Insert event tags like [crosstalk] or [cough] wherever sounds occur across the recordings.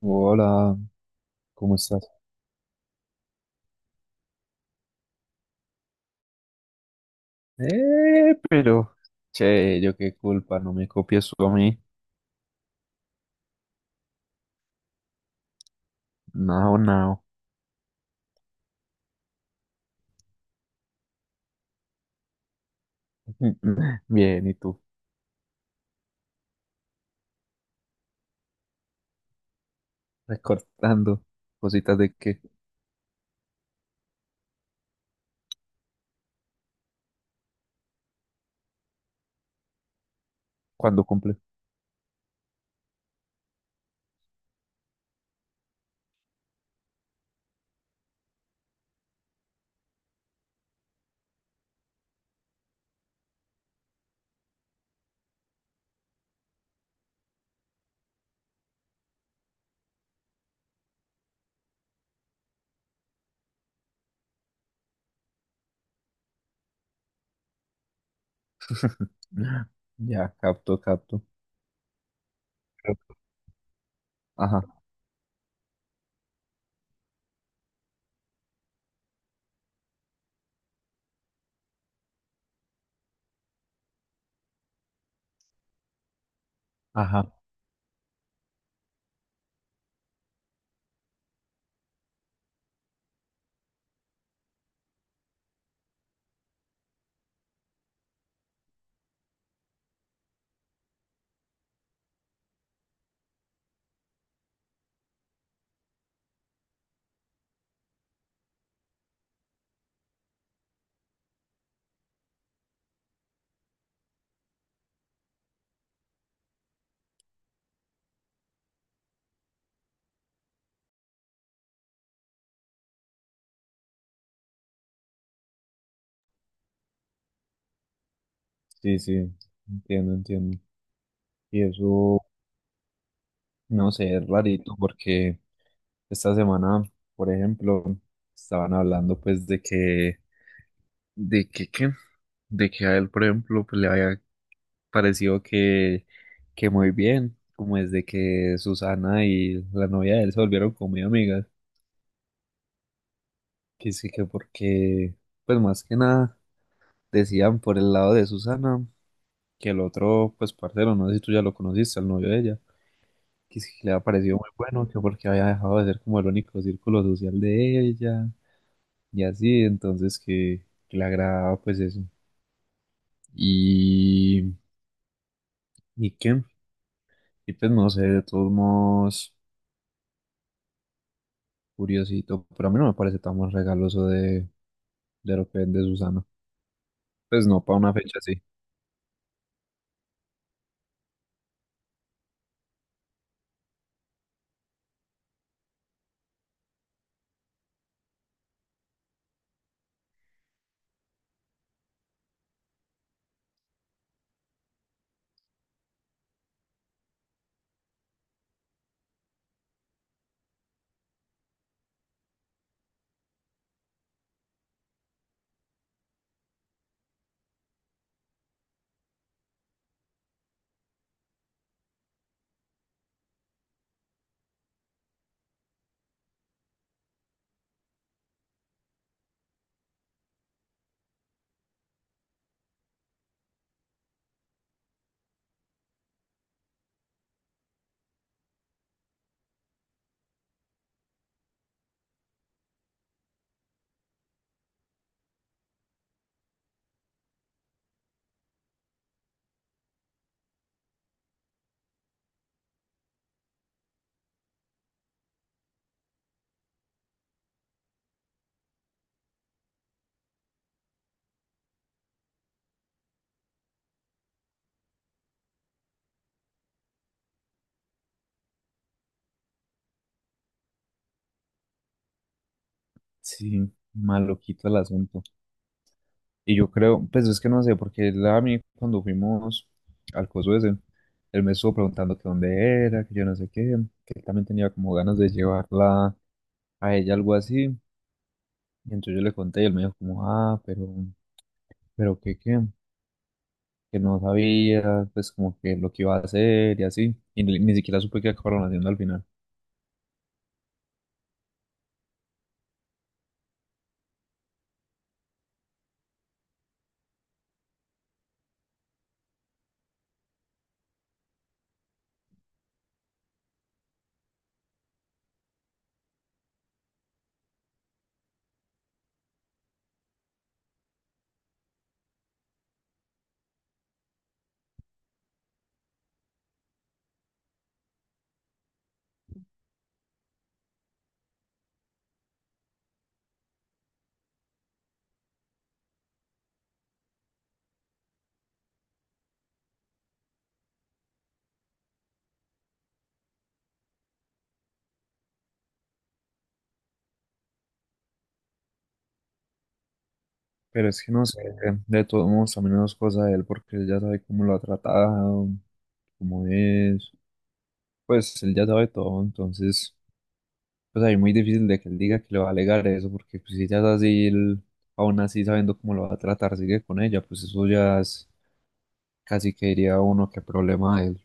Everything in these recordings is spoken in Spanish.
Hola, ¿cómo estás? Pero, che, yo qué culpa, no me copies tú a mí. No, no. [laughs] Bien, ¿y tú? Recortando cositas de que cuando cumple. [laughs] Ya, capto, capto. Creo- Ajá, ajá. Sí, sí, entiendo, entiendo. Y eso, no sé, es rarito porque esta semana, por ejemplo, estaban hablando pues de que, ¿qué? De que a él, por ejemplo, pues le había pareció que muy bien, como desde que Susana y la novia de él se volvieron como muy amigas, que sí que porque, pues más que nada, decían por el lado de Susana que el otro, pues parcero, no sé si tú ya lo conociste, el novio de ella, que sí que le había parecido muy bueno, que porque había dejado de ser como el único círculo social de ella, y así, entonces que, le agradaba pues eso. Y, ¿Y qué? Y pues no sé, de todos modos. Curiosito, pero a mí no me parece tan más regaloso de lo que vende Susana. Pues no, para una fecha así. Sí, maloquito el asunto. Y yo creo, pues es que no sé, porque él a mí cuando fuimos al coso ese, él me estuvo preguntando que dónde era, que yo no sé qué, que él también tenía como ganas de llevarla a ella, algo así. Y entonces yo le conté y él me dijo como, ah, pero, pero qué, que no sabía, pues como que lo que iba a hacer y así. Y ni siquiera supe qué acabaron haciendo al final. Pero es que no sé, de todos modos también no es cosa de él porque él ya sabe cómo lo ha tratado, cómo es, pues él ya sabe todo, entonces pues ahí es muy difícil de que él diga que le va a alegar eso porque pues, si ella es así, él, aún así sabiendo cómo lo va a tratar, sigue con ella, pues eso ya es casi que diría uno que problema de él.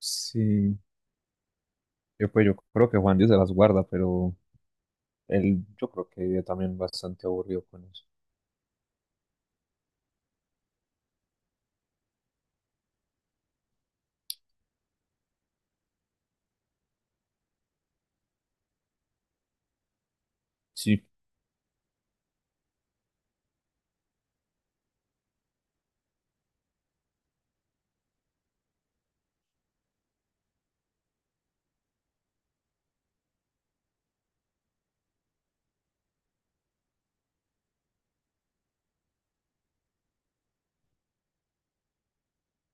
Sí, yo creo que Juan Dios se las guarda, pero él yo creo que vive también bastante aburrido con eso. Sí,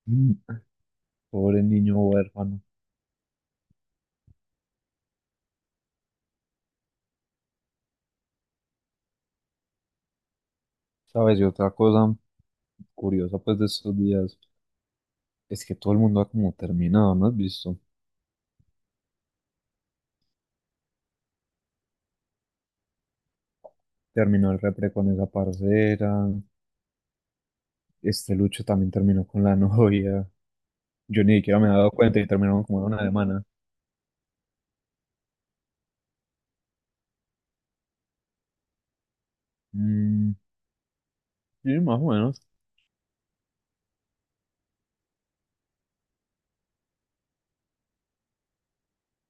Mm, pobre niño huérfano. ¿Sabes? Y otra cosa Curiosa pues de estos días es que todo el mundo ha como terminado, ¿no has visto? Terminó el repre con esa parcera, este Lucho también terminó con la [laughs] novia, yo ni siquiera me había dado cuenta y terminaron como de una semana. Mm, sí, más o menos.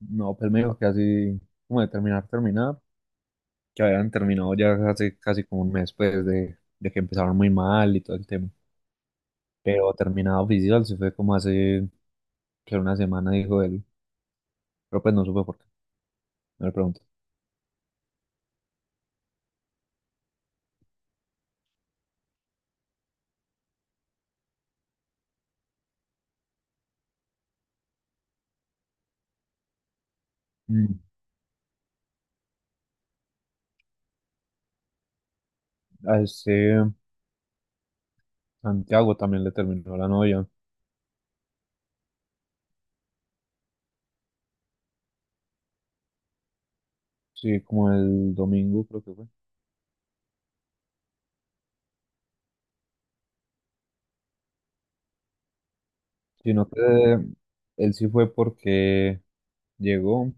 No, pues me dijo que así, como de terminar, terminar, que habían terminado ya hace casi como un mes pues de, que empezaron muy mal y todo el tema. Pero terminado oficial se fue como hace que una semana, dijo él, pero pues no supe por qué, no le pregunté. Mm, a este Santiago también le terminó la novia. Sí, como el domingo creo que fue. Sino que él sí fue porque llegó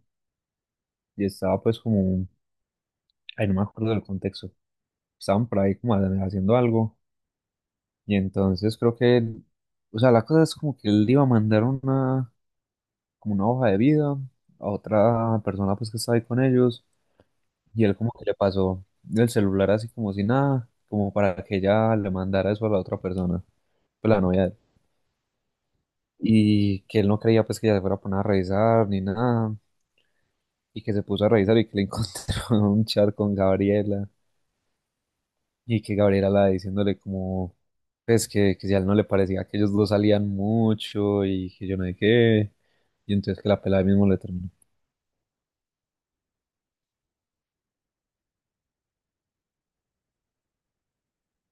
y estaba pues como, ay, no me acuerdo del contexto. Estaban por ahí como haciendo algo. Y entonces creo que, o sea, la cosa es como que él iba a mandar como una hoja de vida a otra persona pues que estaba ahí con ellos. Y él como que le pasó el celular así como si nada, como para que ella le mandara eso a la otra persona, pues la novia de él. Y que él no creía pues que ella se fuera a poner a revisar ni nada, y que se puso a revisar y que le [laughs] encontró un chat con Gabriela, y que Gabriela la diciéndole como, pues que, si a él no le parecía que ellos dos salían mucho y que yo no sé qué, y entonces que la pelada mismo le terminó.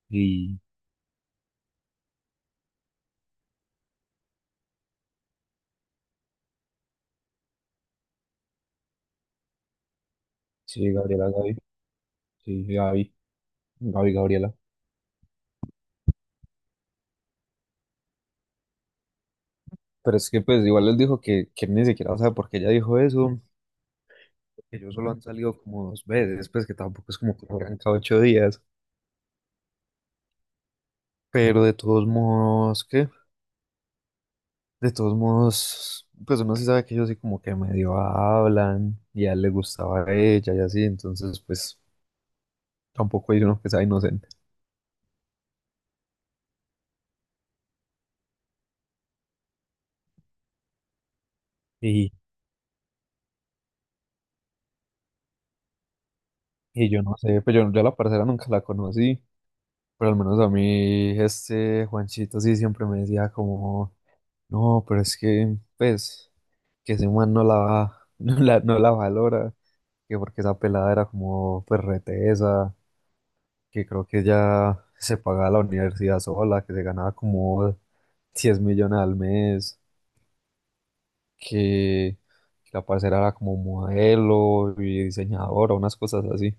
Y sí, Gabriela, Gaby, sí, Gaby, Gaby, Gabriela. Pero es que pues igual él dijo que él ni siquiera sabe por qué ella dijo eso, que ellos solo han salido como dos veces, pues que tampoco es como que arranca 8 días. Pero de todos modos, ¿qué? De todos modos, pues uno sí sabe que ellos sí como que medio hablan y a él le gustaba a ella y así, entonces pues tampoco hay uno que sea inocente. Y, y yo no sé, pues yo a la parcera nunca la conocí, pero al menos a mí este Juanchito sí siempre me decía como, no, pero es que pues que ese man [laughs] no la valora, que porque esa pelada era como pues retesa que creo que ya se pagaba la universidad sola, que se ganaba como 10 millones al mes, que, que, la parcera era como modelo y diseñadora, unas cosas así.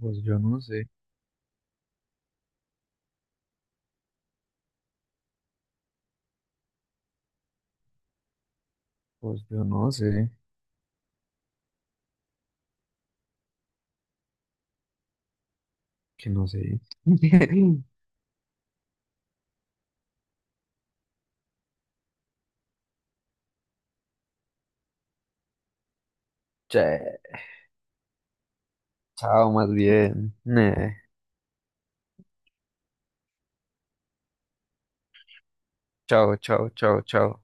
Pues yo no sé, pues yo no sé. Que no sé. [laughs] Che, chao, más bien. Ne, chao, chao, chao, chao.